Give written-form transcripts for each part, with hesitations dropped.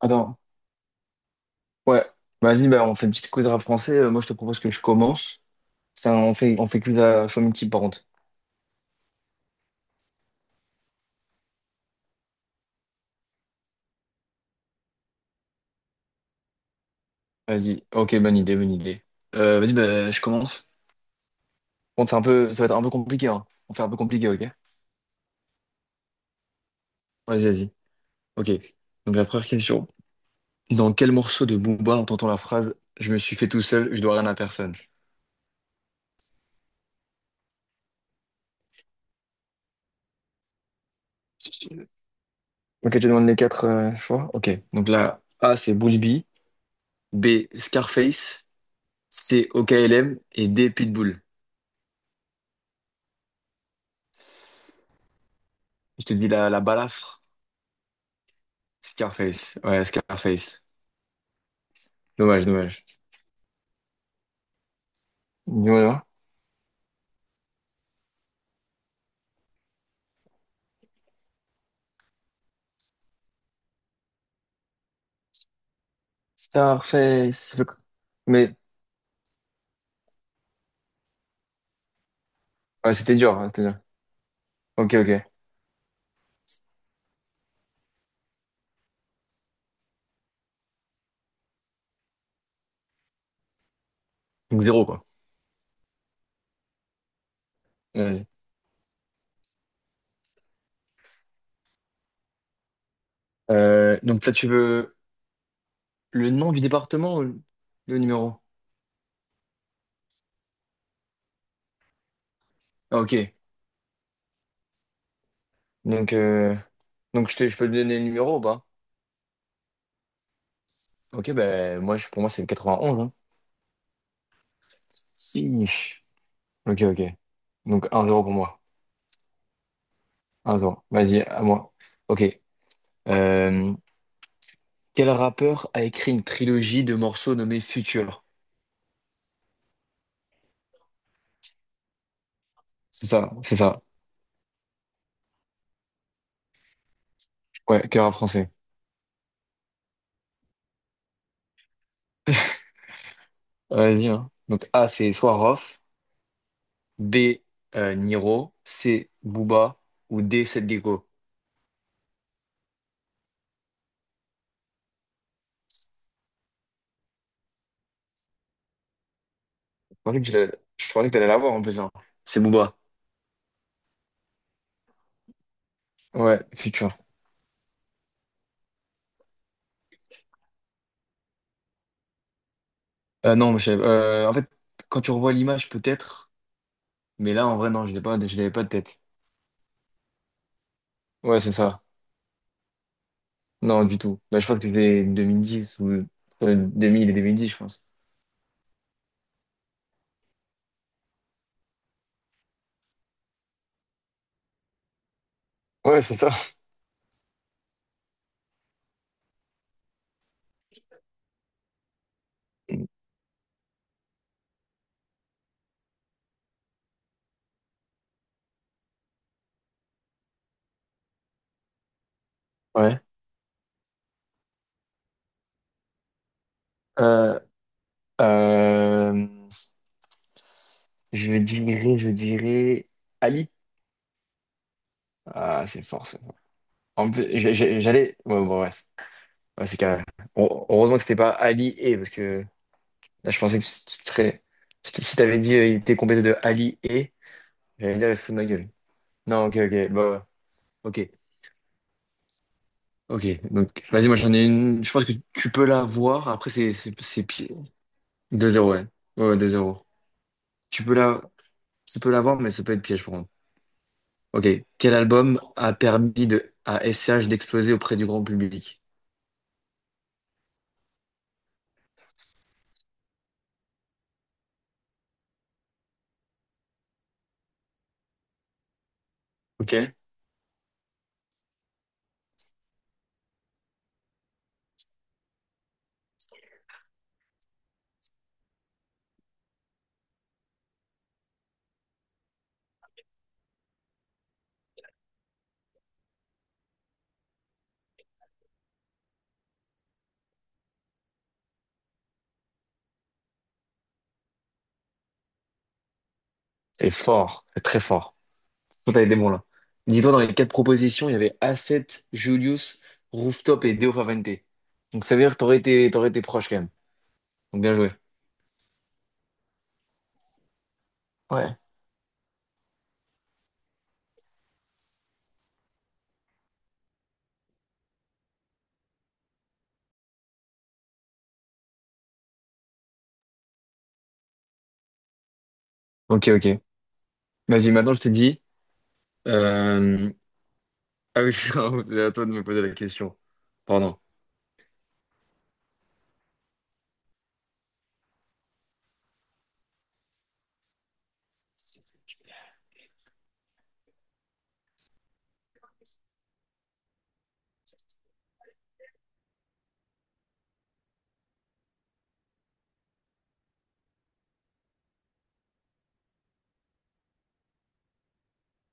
Attends, ouais, vas-y, bah, on fait une petite quiz de rap français. Moi, je te propose que je commence. Ça, on fait quiz à Chomity, par contre. Vas-y, ok, bonne idée, bonne idée. Vas-y, bah, je commence. Bon, ça va être un peu compliqué, hein. On fait un peu compliqué, ok? Vas-y, vas-y. Ok. Donc, la première question. Dans quel morceau de Booba entend-on la phrase « Je me suis fait tout seul, je dois rien à personne »? Ok, tu demandes les quatre choix? Ok. Donc, là, A, c'est Bulbi. B, Scarface. C, OKLM. Et D, Pitbull. Je te dis la balafre. Scarface. Ouais, Scarface. Dommage, dommage. Dis-moi. Starface. Mais ouais, c'était dur, hein, c'était dur. Ok, ok. Donc zéro, quoi. Vas-y. Donc là, tu veux le nom du département ou le numéro? Ah, ok. Donc, euh, donc je peux te donner le numéro ou pas? Ok, ben moi, pour moi, c'est le 91, hein. Si. Ok, ok. Donc un zéro pour moi. Un zéro. Vas-y, à moi. Ok. Euh, quel rappeur a écrit une trilogie de morceaux nommés Future? C'est ça, c'est ça. Ouais, cœur à français. Vas-y, hein. Donc A, c'est Swaroff, B, Niro, C, Booba, ou D, Seth Gecko. Je pensais que tu l'as- je pensais que t'allais l'avoir en plus, hein. C'est Booba. Ouais, futur. Non, en fait, quand tu revois l'image, peut-être, mais là, en vrai, non, je l'ai pas, je l'avais pas de tête. Ouais, c'est ça. Non, du tout. Bah, je crois que c'était 2010 ou 2000 et 2010, je pense. Ouais, c'est ça. Ouais. Euh, euh, je dirais Ali. Ah, c'est fort, c'est fort. En plus, j'allais. Ouais, bon, bref. Ouais, c'est carré. Heureusement que c'était pas Ali et, parce que là, je pensais que tu serais. Si t'avais dit il était complété de Ali et, j'allais dire il se fout de ma gueule. Non, ok, ok. Bah, ouais. Ok. Ok. Donc, vas-y, moi, j'en ai une. Je pense que tu peux la voir. Après, c'est pi- 2-0, ouais. Ouais, ouais, 2-0. Tu peux la, tu peux la voir, mais ça peut être piège, pour contre. Ok. Quel album a permis à SCH d'exploser auprès du grand public? Ok. C'est fort, c'est très fort. Tout t'avais des bons là. Dis-toi, dans les quatre propositions, il y avait Asset, Julius, Rooftop et Deo Favente. Donc ça veut dire que t'aurais été proche quand même. Donc bien joué. Ouais. Ok, ok. Vas-y, maintenant je te dis. euh, Ah oui, c'est à toi de me poser la question. Pardon.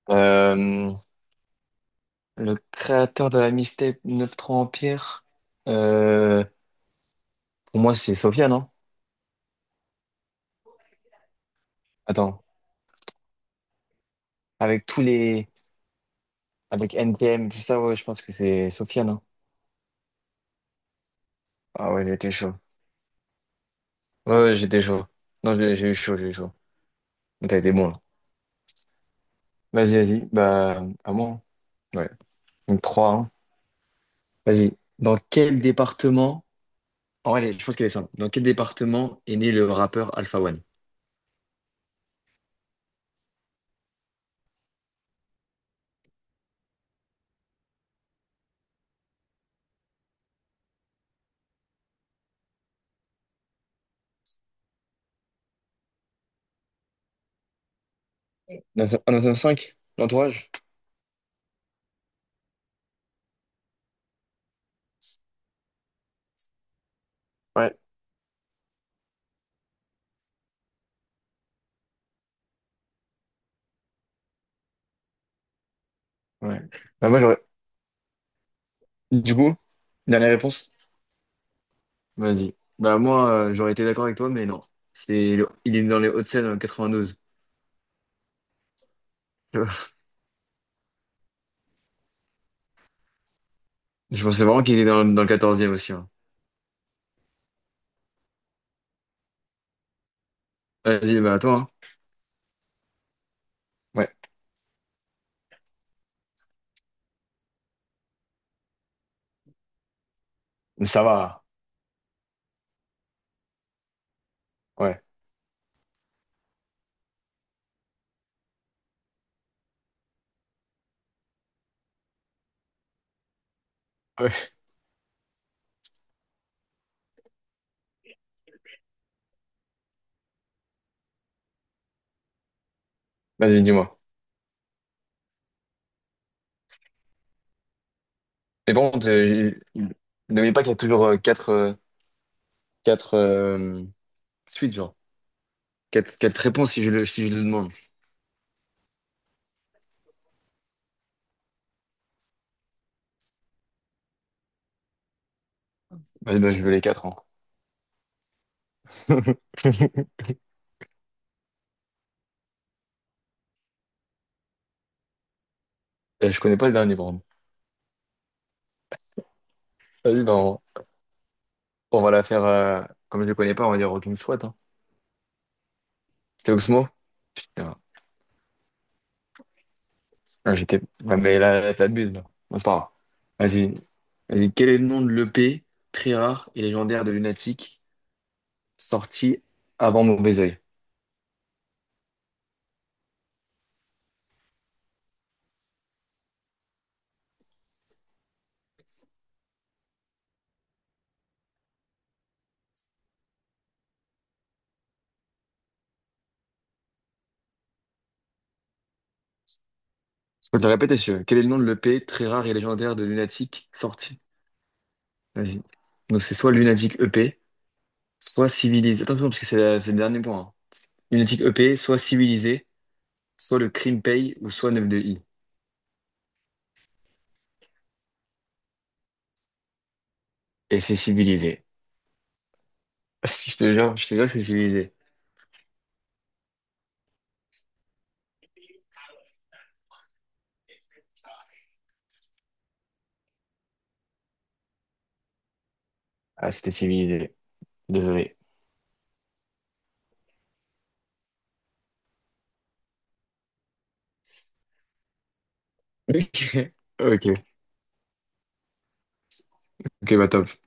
Euh, Le créateur de la mixtape 9-3 Empire, euh, pour moi c'est Sofiane, non? Attends. Avec tous les. Avec NTM, tout ça, ouais, je pense que c'est Sofiane, non? Ah ouais, il était chaud. Ouais, ouais, j'étais chaud. Non, j'ai eu chaud, j'ai eu chaud. T'as été bon, là. Vas-y, vas-y. Bah, à moi, hein. Ouais. Donc, 3 hein. Vas-y. Dans quel département... Oh, allez, je pense qu'elle est simple. Dans quel département est né le rappeur Alpha One? Dans un 5 L'entourage? Ouais. Ouais. Bah, moi, j'aurais... Du coup, dernière réponse? Vas-y. Bah, moi, j'aurais été d'accord avec toi, mais non. Il est dans les Hauts-de-Seine, dans le 92. Je pensais vraiment qu'il était dans le 14e aussi, hein. Vas-y, bah, à toi, hein. Ouais. Ça va. Ouais. Ouais. Vas-y, dis-moi. Mais bon, n'oubliez pas qu'il y a toujours quatre suites, genre. Quatre réponses si je le demande. Ouais, bah, je veux les quatre, hein. Je connais pas le dernier, par contre. Vas-y, bah, on va la faire. Comme je le connais pas, on va dire aucune squat, hein. C'était Oxmo? Putain. Ah, j'étais. Ouais, mais là, là, t'abuses, là. Bon, c'est pas grave. Vas-y. Vas-y. Quel est le nom de l'EP très rare et légendaire de Lunatic sorti avant Mauvais Oeil? Je peux te le répéter, si tu veux. Quel est le nom de l'EP très rare et légendaire de Lunatic sorti? Vas-y. Donc c'est soit Lunatic EP, soit Civilisé. Attention, parce que c'est le dernier point, hein. Lunatic EP, soit Civilisé, soit le Crime Paye, ou soit Neuf de i. Et c'est Civilisé. Je te jure que c'est Civilisé. Ah, c'était Civilisé. Désolé. Ok. Ok. Ok, bah top.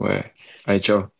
Ouais. Allez, ciao.